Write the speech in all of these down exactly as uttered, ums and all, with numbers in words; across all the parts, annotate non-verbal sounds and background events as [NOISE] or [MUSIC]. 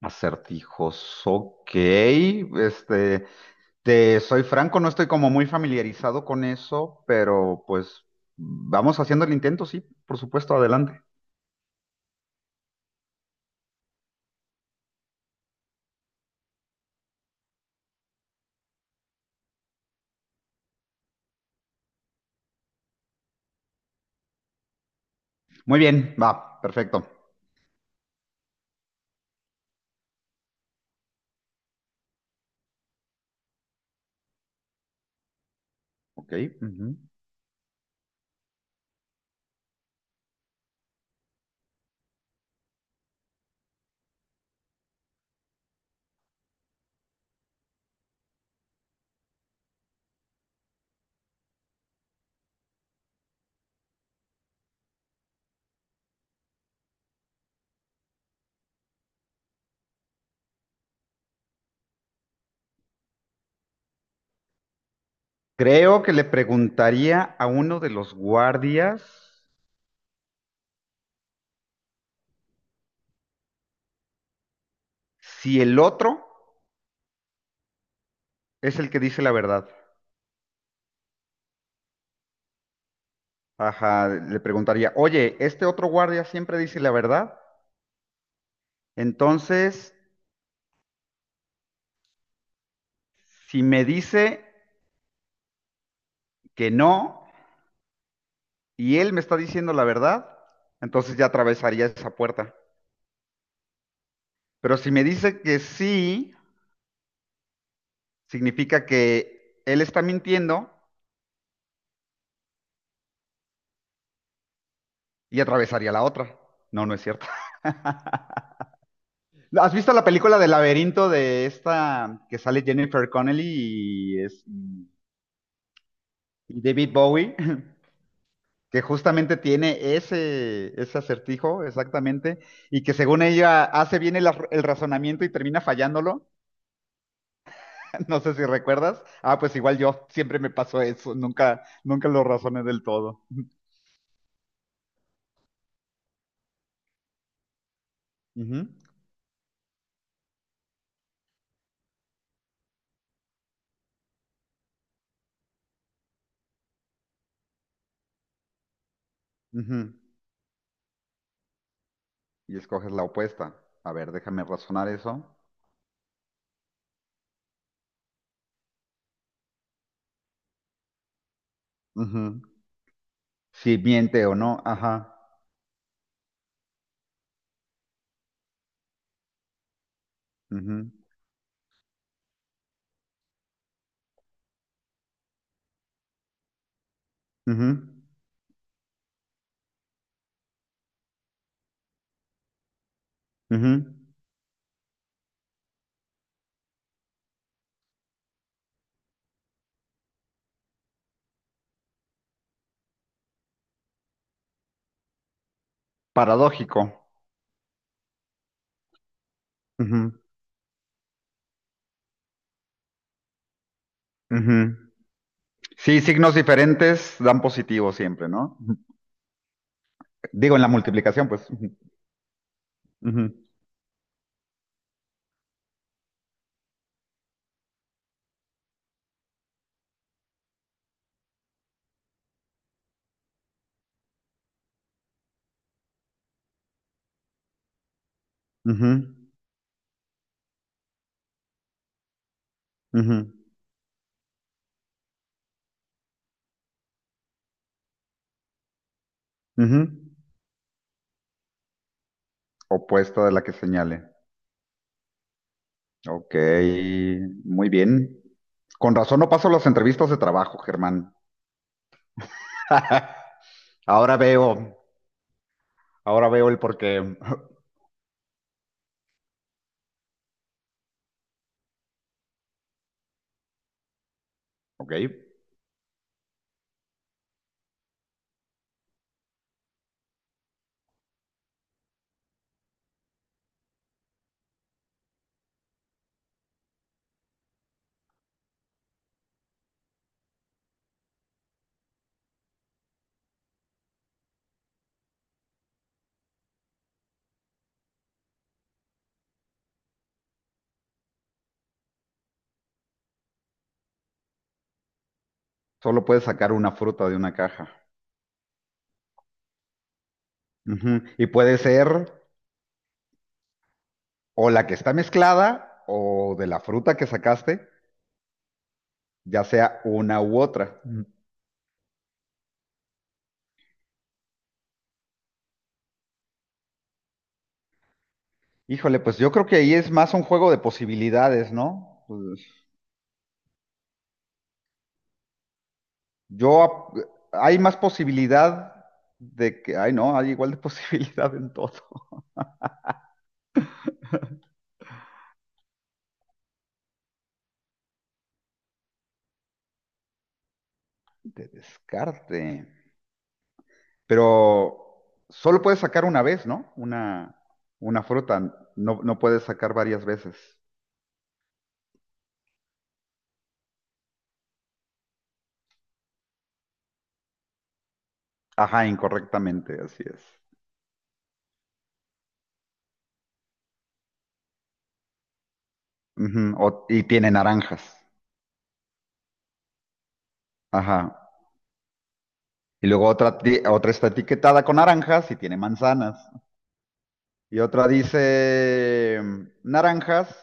Acertijos, ok. Este, te soy franco, no estoy como muy familiarizado con eso, pero pues vamos haciendo el intento, sí, por supuesto, adelante. Muy bien, va, perfecto. Ok. Ujú. Creo que le preguntaría a uno de los guardias si el otro es el que dice la verdad. Ajá, le preguntaría, oye, ¿este otro guardia siempre dice la verdad? Entonces, si me dice que no y él me está diciendo la verdad, entonces ya atravesaría esa puerta. Pero si me dice que sí, significa que él está mintiendo y atravesaría la otra. No, no es cierto. [LAUGHS] ¿Has visto la película del laberinto de esta que sale Jennifer Connelly y, es, y David Bowie? [LAUGHS] Que justamente tiene ese, ese acertijo, exactamente, y que según ella hace bien el, el razonamiento y termina fallándolo. [LAUGHS] No sé si recuerdas. Ah, pues igual yo, siempre me pasó eso, nunca, nunca lo razoné del todo. Ujú, ujú. Y escoges la opuesta. A ver, déjame razonar eso. Ujú. Si miente o no, ajá. Ujú, ujú, ujú. Paradójico. Ujú, ujú. Sí, signos diferentes dan positivo siempre, ¿no? Ujú. Digo, en la multiplicación, pues. Ujú, ujú, ujú, ujú, ujú. Opuesta de la que señale. Ok, muy bien. Con razón no paso las entrevistas de trabajo, Germán. [LAUGHS] Ahora veo, ahora veo el porqué. [LAUGHS] Ok, solo puedes sacar una fruta de una caja. Ujú. Y puede ser o la que está mezclada o de la fruta que sacaste, ya sea una u otra. Ujú. Híjole, pues yo creo que ahí es más un juego de posibilidades, ¿no? Pues, yo, ap- hay más posibilidad de que, ay no, hay igual de [LAUGHS] posibilidad en todo. De descarte. Pero solo puedes sacar una vez, ¿no? Una, una fruta. No, no puedes sacar varias veces. Ajá, incorrectamente, así es. Ujú, o- y tiene naranjas. Ajá. Y luego otra, ti- otra está etiquetada con naranjas y tiene manzanas. Y otra dice mm, naranjas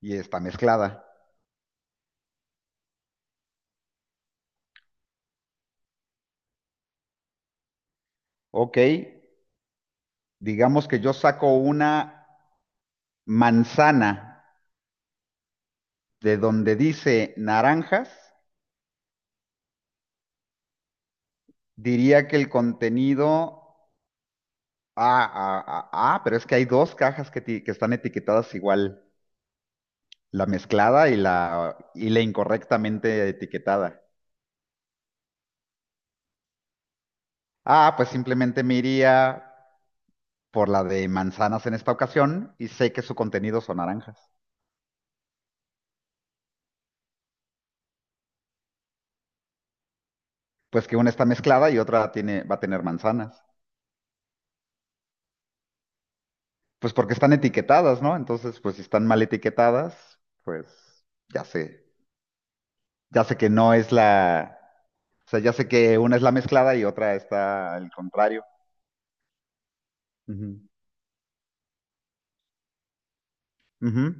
y está mezclada. Ok, digamos que yo saco una manzana de donde dice naranjas. Diría que el contenido... Ah, ah, ah, ah, pero es que hay dos cajas que, ti- que están etiquetadas igual, la mezclada y la, y la incorrectamente etiquetada. Ah, pues simplemente me iría por la de manzanas en esta ocasión y sé que su contenido son naranjas. Pues que una está mezclada y otra tiene, va a tener manzanas. Pues porque están etiquetadas, ¿no? Entonces, pues si están mal etiquetadas, pues ya sé, ya sé que no es la, o sea, ya sé que una es la mezclada y otra está al contrario. Ujú, ujú.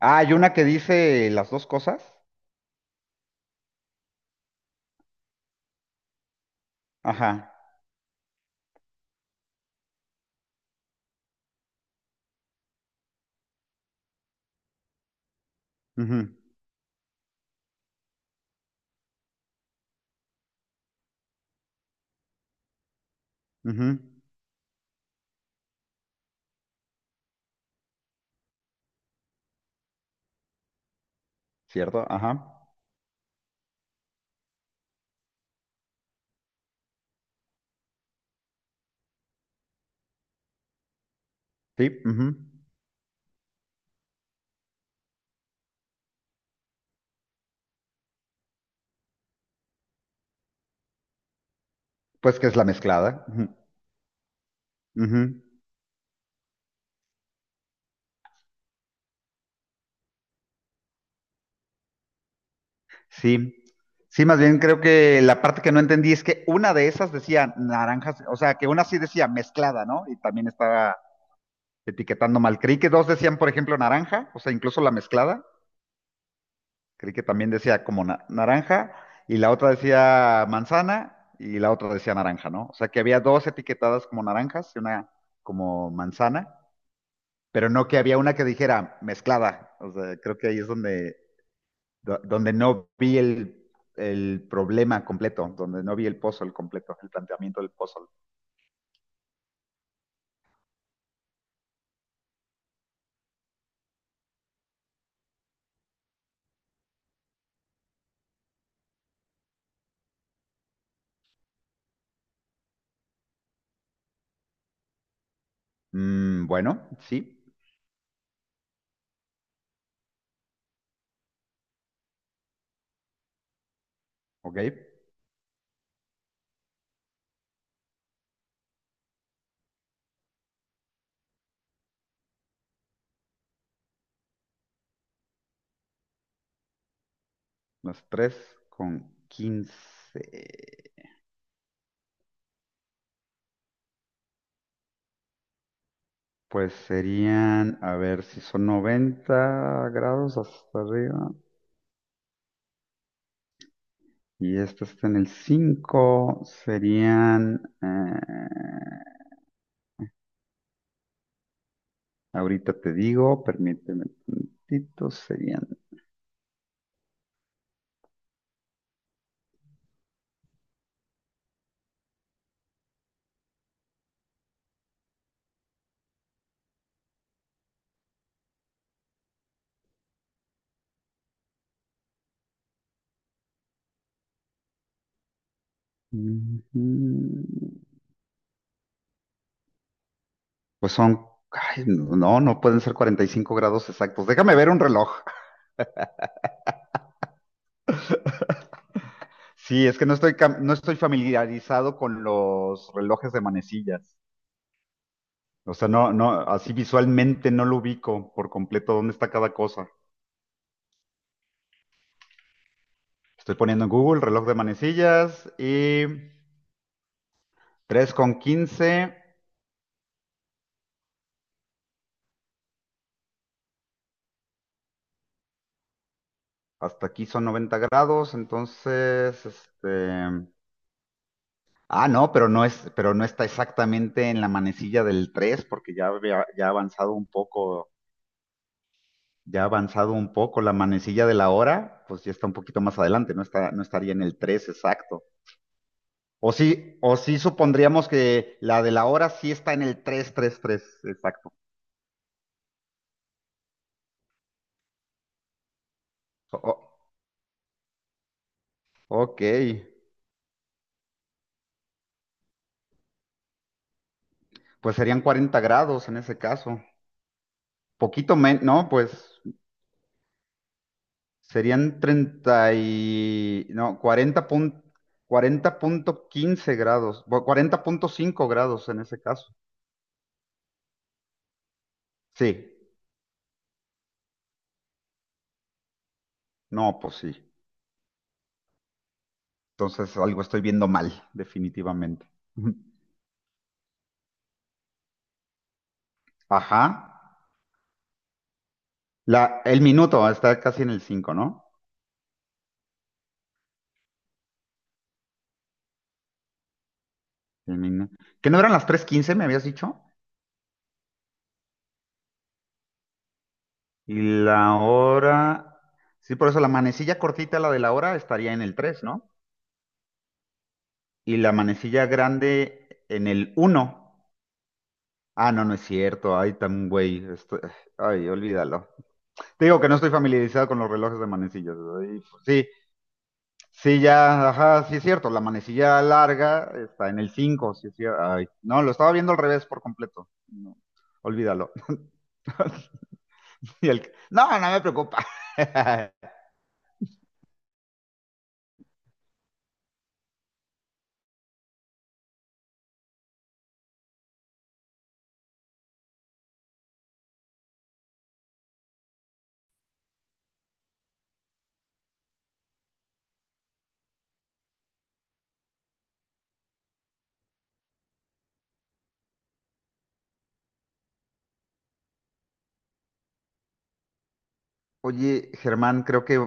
Ah, hay una que dice las dos cosas. Ajá. Ujú, ujú, ¿cierto? Ajá. Sí, ujú. Pues que es la mezclada. Ujú. Ujú. Sí. Sí, más bien creo que la parte que no entendí es que una de esas decía naranjas, o sea, que una sí decía mezclada, ¿no? Y también estaba etiquetando mal. Creí que dos decían, por ejemplo, naranja, o sea, incluso la mezclada, creí que también decía como na- naranja y la otra decía manzana y la otra decía naranja, ¿no? O sea que había dos etiquetadas como naranjas y una como manzana, pero no que había una que dijera mezclada. O sea, creo que ahí es donde, do- donde no vi el, el problema completo, donde no vi el puzzle completo, el planteamiento del puzzle. Mm, bueno, sí, ok. Las tres con quince. Pues serían, a ver, si son noventa grados hasta arriba y este está en el cinco, serían, eh, ahorita te digo, permíteme un momentito, serían, ujú, pues son, ay, no, no pueden ser cuarenta y cinco grados exactos. Déjame ver un reloj. Sí, es que no estoy, cam- no estoy familiarizado con los relojes de manecillas. O sea, no, no, así visualmente no lo ubico por completo dónde está cada cosa. Estoy poniendo en Google reloj de manecillas y tres con quince. Hasta aquí son noventa grados, entonces, este... Ah, no, pero no es, pero no está exactamente en la manecilla del tres porque ya, había- ya ha avanzado un poco, ya ha avanzado un poco la manecilla de la hora, pues ya está un poquito más adelante, no está, no estaría en el tres exacto. O sí, o sí supondríamos que la de la hora sí está en el tres tres, tres, exacto. O- o- ok. Pues serían cuarenta grados en ese caso. Poquito menos, no, pues serían treinta y, no, cuarenta pun- cuarenta coma quince grados, bu- cuarenta coma cinco grados en ese caso. Sí, no, pues sí. Entonces algo estoy viendo mal, definitivamente. [LAUGHS] Ujú. Ajá. La, el minuto está casi en el cinco, ¿no? El minu- ¿Que no eran las tres quince me habías dicho? Y la hora... Sí, por eso la manecilla cortita, la de la hora, estaría en el tres, ¿no? Y la manecilla grande en el uno. Ah, no, no es cierto. Ay, tan güey. esto- Ay, olvídalo. Te digo que no estoy familiarizado con los relojes de manecillas. Ay, pues, sí, sí, ya, ajá, sí es cierto. La manecilla larga está en el cinco, sí es cierto. Ay, no, lo estaba viendo al revés por completo. No, olvídalo. [LAUGHS] Y el- No, no me preocupa. [LAUGHS] Oye, Germán, creo que